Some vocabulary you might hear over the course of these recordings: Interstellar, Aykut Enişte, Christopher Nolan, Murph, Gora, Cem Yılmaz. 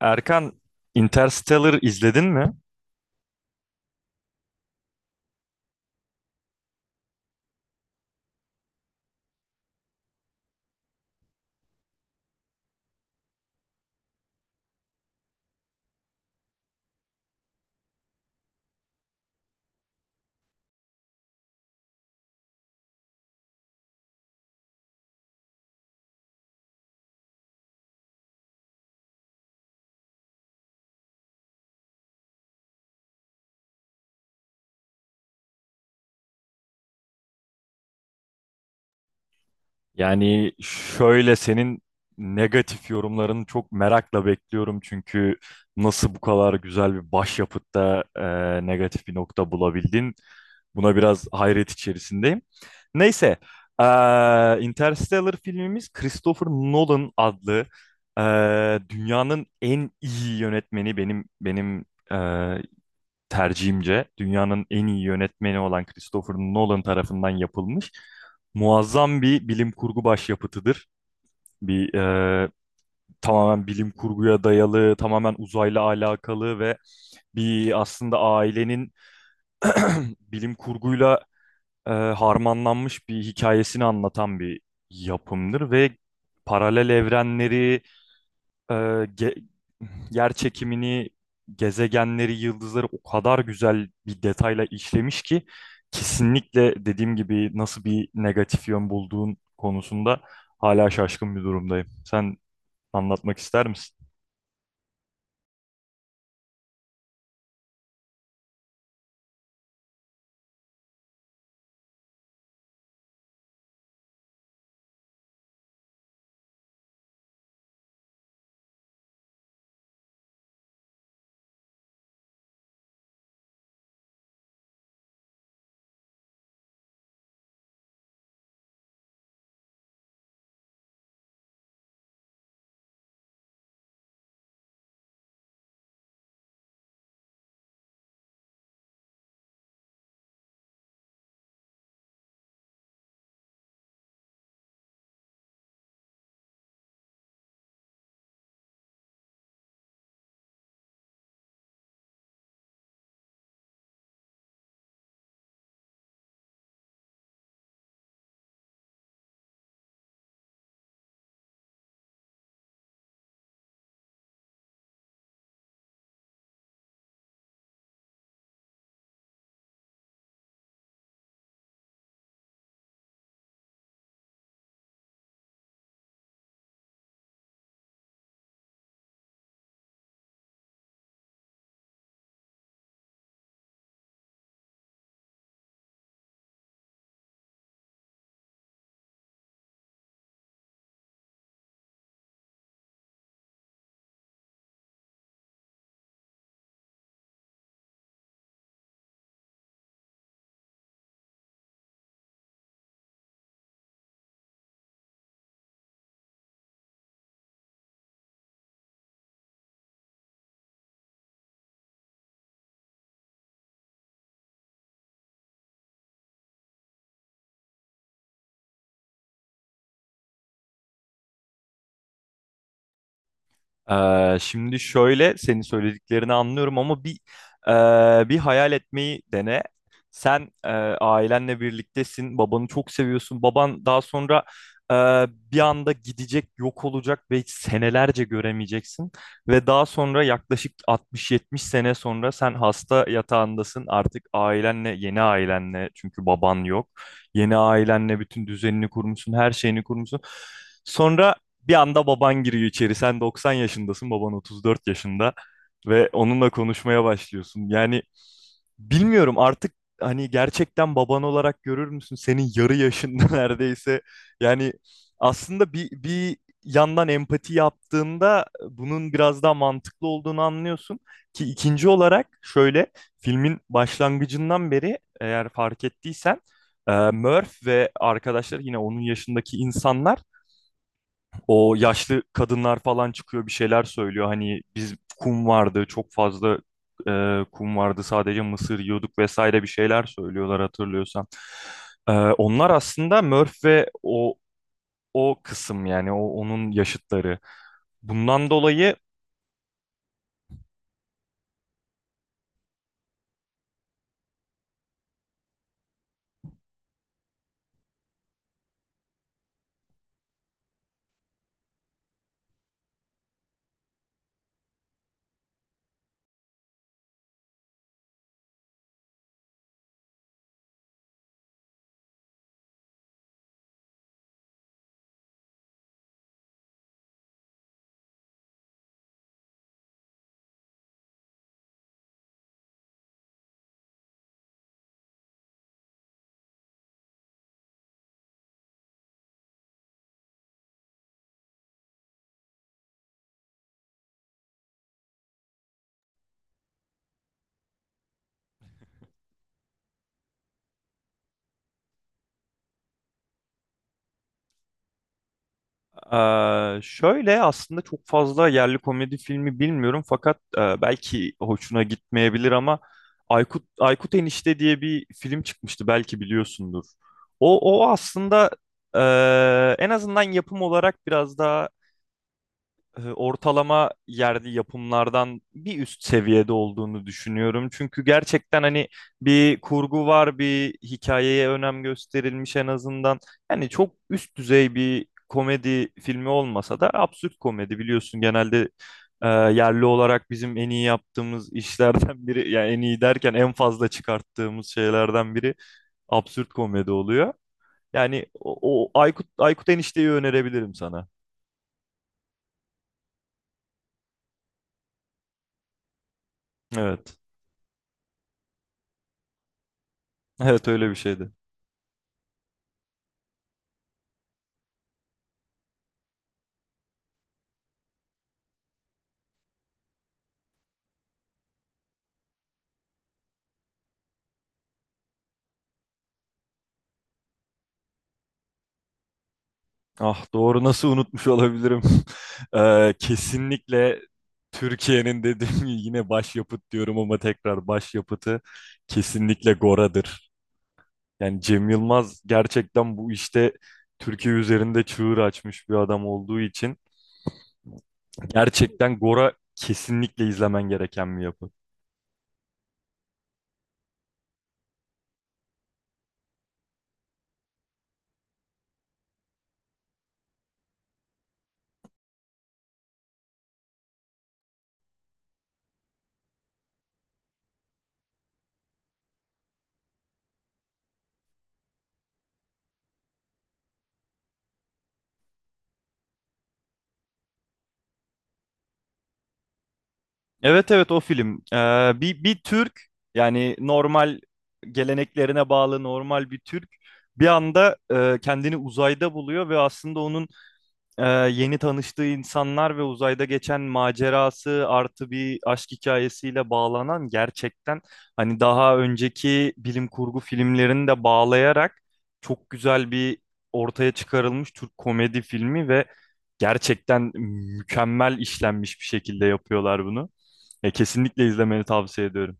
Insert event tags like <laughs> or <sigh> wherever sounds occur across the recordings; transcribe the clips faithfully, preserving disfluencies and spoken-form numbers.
Erkan, Interstellar izledin mi? Yani şöyle senin negatif yorumlarını çok merakla bekliyorum çünkü nasıl bu kadar güzel bir başyapıtta e, negatif bir nokta bulabildin? Buna biraz hayret içerisindeyim. Neyse, e, Interstellar filmimiz Christopher Nolan adlı e, dünyanın en iyi yönetmeni benim benim e, tercihimce dünyanın en iyi yönetmeni olan Christopher Nolan tarafından yapılmış muazzam bir bilim kurgu başyapıtıdır. Bir e, Tamamen bilim kurguya dayalı, tamamen uzayla alakalı ve bir aslında ailenin <clears throat> bilim kurguyla e, harmanlanmış bir hikayesini anlatan bir yapımdır ve paralel evrenleri, e, ge- yer çekimini, gezegenleri, yıldızları o kadar güzel bir detayla işlemiş ki kesinlikle dediğim gibi nasıl bir negatif yön bulduğun konusunda hala şaşkın bir durumdayım. Sen anlatmak ister misin? Ee, şimdi şöyle senin söylediklerini anlıyorum ama bir e, bir hayal etmeyi dene. Sen e, ailenle birliktesin, babanı çok seviyorsun. Baban daha sonra e, bir anda gidecek, yok olacak ve senelerce göremeyeceksin. Ve daha sonra yaklaşık altmış yetmiş sene sonra sen hasta yatağındasın. Artık ailenle, yeni ailenle çünkü baban yok. Yeni ailenle bütün düzenini kurmuşsun, her şeyini kurmuşsun. Sonra bir anda baban giriyor içeri. Sen doksan yaşındasın, baban otuz dört yaşında ve onunla konuşmaya başlıyorsun. Yani bilmiyorum artık hani gerçekten baban olarak görür müsün? Senin yarı yaşında <laughs> neredeyse. Yani aslında bir, bir yandan empati yaptığında bunun biraz daha mantıklı olduğunu anlıyorsun. Ki ikinci olarak şöyle filmin başlangıcından beri eğer fark ettiysen e, Murph ve arkadaşları yine onun yaşındaki insanlar, o yaşlı kadınlar falan çıkıyor bir şeyler söylüyor. Hani biz kum vardı çok fazla e, kum vardı, sadece mısır yiyorduk vesaire bir şeyler söylüyorlar hatırlıyorsan. E, onlar aslında Murph ve o o kısım, yani o onun yaşıtları. Bundan dolayı Ee, şöyle aslında çok fazla yerli komedi filmi bilmiyorum fakat e, belki hoşuna gitmeyebilir ama Aykut Aykut Enişte diye bir film çıkmıştı, belki biliyorsundur. O o aslında e, en azından yapım olarak biraz daha e, ortalama yerli yapımlardan bir üst seviyede olduğunu düşünüyorum. Çünkü gerçekten hani bir kurgu var, bir hikayeye önem gösterilmiş en azından. Yani çok üst düzey bir komedi filmi olmasa da absürt komedi biliyorsun genelde e, yerli olarak bizim en iyi yaptığımız işlerden biri, yani en iyi derken en fazla çıkarttığımız şeylerden biri absürt komedi oluyor. Yani o, o Aykut Aykut Enişte'yi önerebilirim sana. Evet. Evet öyle bir şeydi. Ah doğru, nasıl unutmuş olabilirim? <laughs> Eee, kesinlikle Türkiye'nin dediğim gibi yine başyapıt diyorum ama tekrar başyapıtı kesinlikle Gora'dır. Yani Cem Yılmaz gerçekten bu işte Türkiye üzerinde çığır açmış bir adam olduğu için gerçekten Gora kesinlikle izlemen gereken bir yapı. Evet, evet, o film. Eee, bir, bir Türk, yani normal geleneklerine bağlı normal bir Türk bir anda e, kendini uzayda buluyor ve aslında onun e, yeni tanıştığı insanlar ve uzayda geçen macerası artı bir aşk hikayesiyle bağlanan, gerçekten hani daha önceki bilim kurgu filmlerini de bağlayarak çok güzel bir ortaya çıkarılmış Türk komedi filmi ve gerçekten mükemmel işlenmiş bir şekilde yapıyorlar bunu. E, kesinlikle izlemeni tavsiye ediyorum.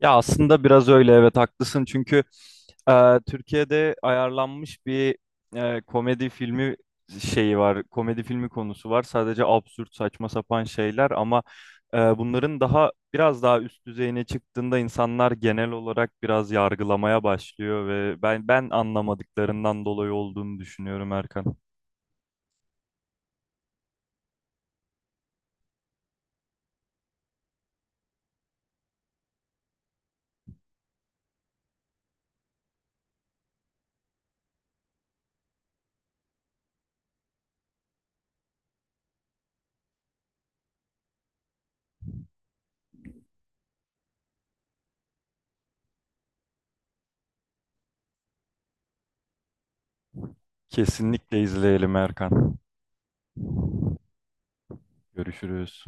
Ya aslında biraz öyle, evet, haklısın çünkü e, Türkiye'de ayarlanmış bir e, komedi filmi şeyi var. Komedi filmi konusu var. Sadece absürt saçma sapan şeyler ama e, bunların daha biraz daha üst düzeyine çıktığında insanlar genel olarak biraz yargılamaya başlıyor ve ben ben anlamadıklarından dolayı olduğunu düşünüyorum Erkan. Kesinlikle izleyelim Erkan. Görüşürüz.